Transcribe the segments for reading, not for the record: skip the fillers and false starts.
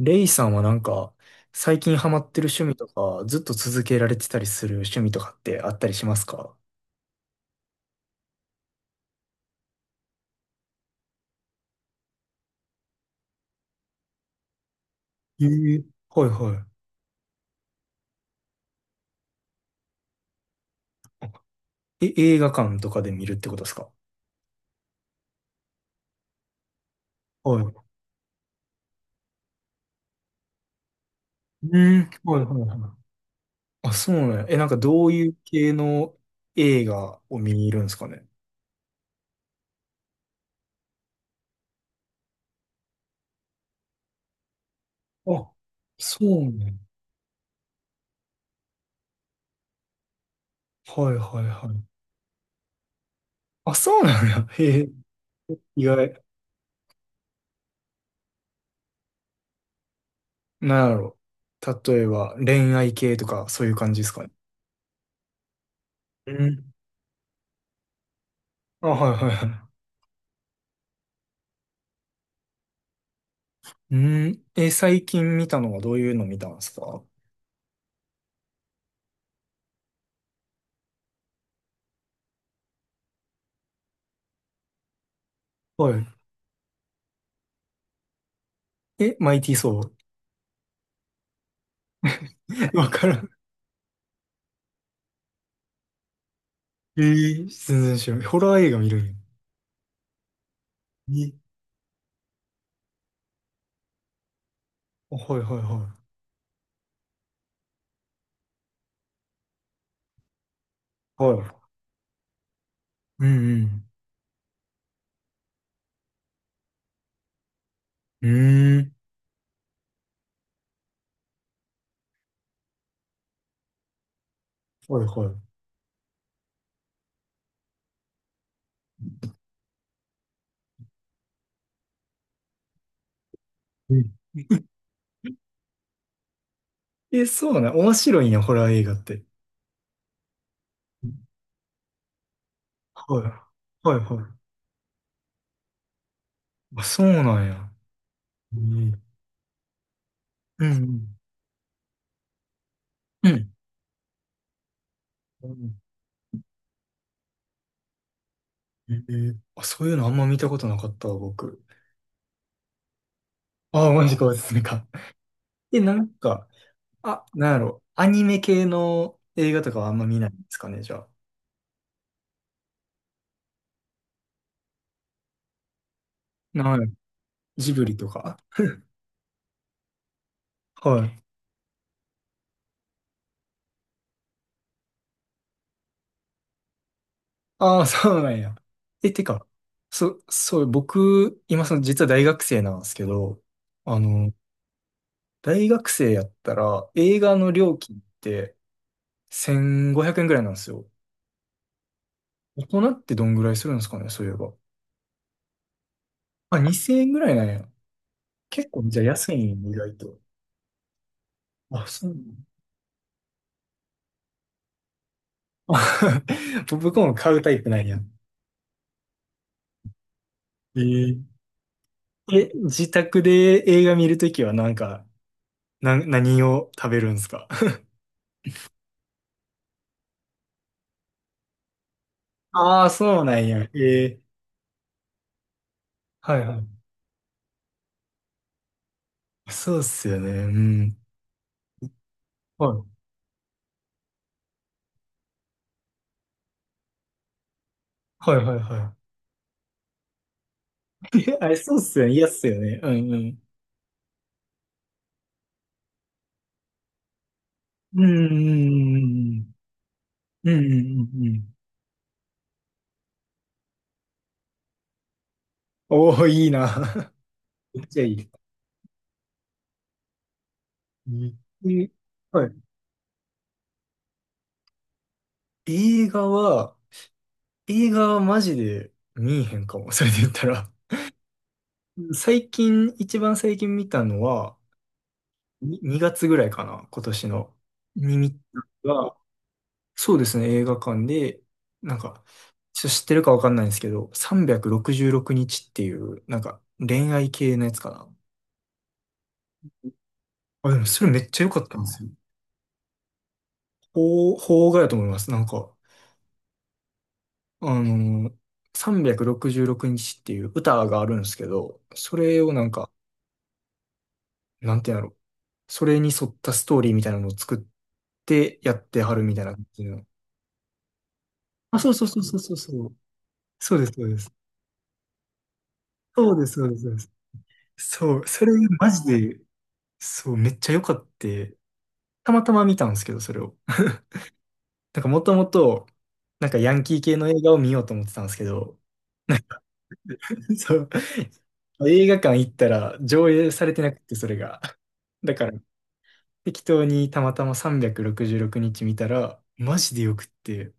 レイさんはなんか、最近ハマってる趣味とか、ずっと続けられてたりする趣味とかってあったりしますか？ええ。はいはい。え、映画館とかで見るってことですか？はい。うん、はいはいはい。あ、そうねえ、なんかどういう系の映画を見にいるんですかね？あ、そうね。はいはいはい。あ、そうなんや。へえ、意外。なんやろ。例えば、恋愛系とか、そういう感じですかね？うん。あ、はいはいはい。うん。え、最近見たのはどういうの見たんですか？はい。え、マイティーソー。わからん。えー、全然知らない。ホラー映画見るんや。え、あはいはいはい。はい。うんうん。うーん。はいはい。うん。え、そうなん。面白いんや、ホラー映画って。うん。はいはいはい。あ、そうなんや。うんうんうん。うん。あ、そういうのあんま見たことなかったわ、僕。あ、マジか、おすすめか。え、なんか、あ、なんやろ。アニメ系の映画とかはあんま見ないんですかね、じゃあ。ない。ジブリとか。はい。ああ、そうなんや。え、てか、そう、僕、今その、実は大学生なんですけど、あの、大学生やったら、映画の料金って1500円ぐらいなんですよ。大人ってどんぐらいするんですかね、そういえば。あ、2000円ぐらいなんや。結構、じゃあ安いんや、意外と。あ、そうなんや。あ 僕も買うタイプなんや。えええ、自宅で映画見るときはなんか、何を食べるんですか？ ああ、そうなんや。ええ。はいはい。そうっすよね。うん。はい。はいはいはい。え、あれ、そうっすよね。嫌っすよね。うんうん。うんうんうんうん。うんうんうんうん。おお、いいな。めっちゃいい。うん。え。はい。映画は、映画はマジで見えへんかも。それで言ったら。最近、一番最近見たのは、に2月ぐらいかな、今年の。に見たのが、そうですね、映画館で、なんか、ちょっと知ってるかわかんないんですけど、366日っていう、なんか、恋愛系のやつかな。あ、でもそれめっちゃ良かったんですよ。邦画やと思います。なんか、あのー、366日っていう歌があるんですけど、それをなんか、なんていうんだろう。それに沿ったストーリーみたいなのを作ってやってはるみたいな感じの。あ、そうそうそうそうそうそう。そうです、そうです。そうです、そうです、そうです。そう、それマジで、そう、めっちゃ良かって、たまたま見たんですけど、それを。なんかもともと、なんかヤンキー系の映画を見ようと思ってたんですけど、そう、映画館行ったら上映されてなくて、それが。だから、適当にたまたま366日見たら、マジでよくって、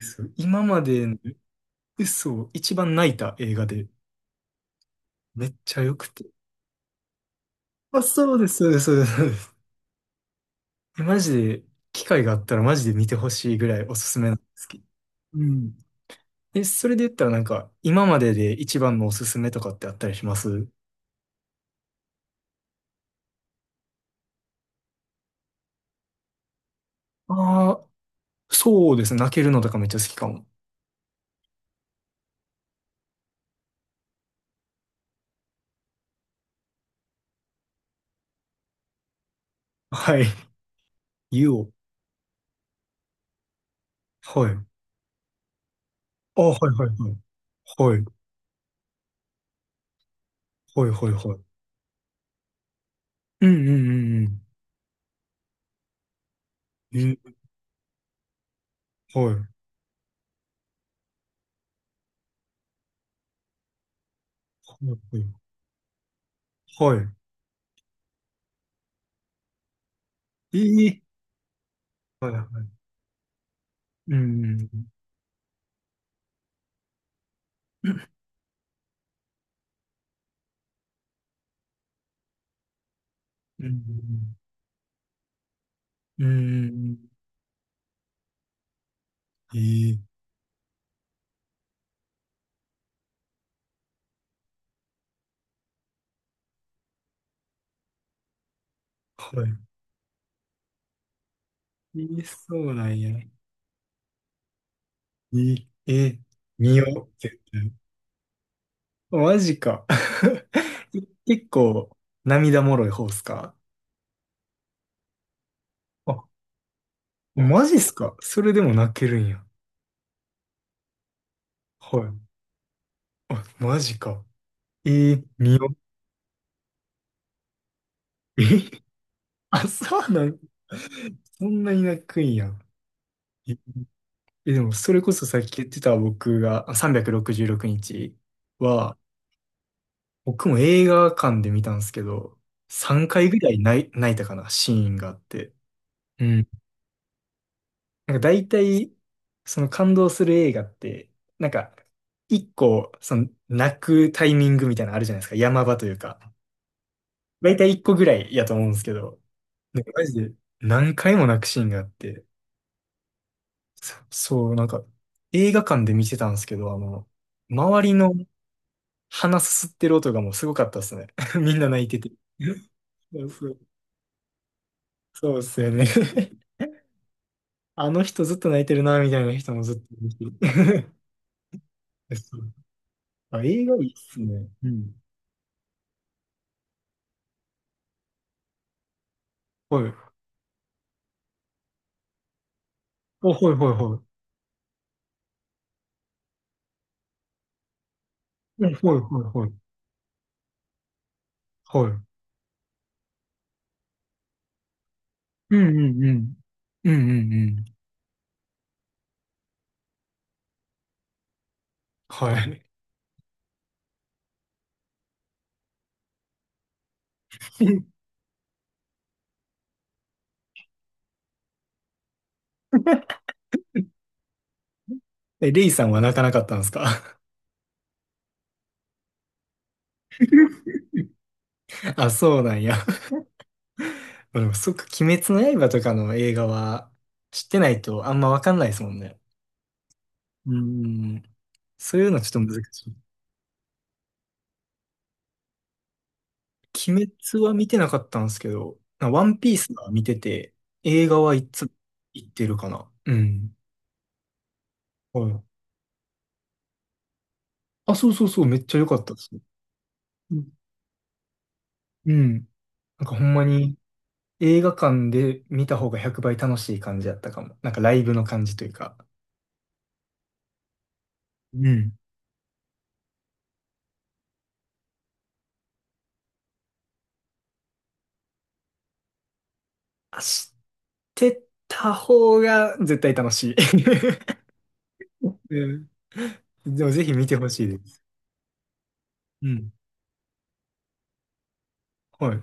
そう、今までの嘘、一番泣いた映画で、めっちゃよくて。あ、そうです、そうです、そうです。えマジで、機会があったらマジで見てほしいぐらいおすすめなんですけど。うん。え、それで言ったらなんか、今までで一番のおすすめとかってあったりしますああー、そうですね。泣けるのとかめっちゃ好きかも。はい。ユオ。はい。あ、はいはいはい。はい。はいはいはい。うんうんうんうん。え、はい。はいはい。はい。ええ。はいはい。うんうんうん。うんうんうん。うんうんうんええ。はい。ええ。そうなんや。い、え、見よう、絶対。マジか。結構、涙もろい方っすか？あ、マジっすかそれでも泣けるんや。はい。あ、マジか。え見よう。え、あ、そうなん、そんなに泣くんや。え、でも、それこそさっき言ってた僕が、あ366日は、僕も映画館で見たんですけど、3回ぐらい泣いたかな、シーンがあって。うん。なんか大体、その感動する映画って、なんか、一個、その、泣くタイミングみたいなのあるじゃないですか。山場というか。大体一個ぐらいやと思うんですけど、なんかマジで何回も泣くシーンがあって、そう、なんか、映画館で見てたんですけど、あの、周りの鼻すすってる音がもうすごかったですね。みんな泣いてて。そうそう、そうですよね。あの人ずっと泣いてるな、みたいな人もずっといるし そう。あ、映画いいっすね。うん。はい。あ、はいはいはい。うん。はいはいはい。はい。うんうんうん。うんうんうん。はい。え、レイさんは泣かなかったんですか？ あ、そうなんや。でもそっか、鬼滅の刃とかの映画は知ってないとあんまわかんないですもんね。うん。そういうのちょっと難しい。鬼滅は見てなかったんですけど、ワンピースは見てて、映画はいつ行ってるかな。うん。はい。あ、そうそうそう、めっちゃ良かったです。うん。うん。なんかほんまに映画館で見た方が100倍楽しい感じだったかも。なんかライブの感じというか。うん。あ、知ってた方が絶対楽しい。うん。でもぜひ見てほしいです。うん。はい。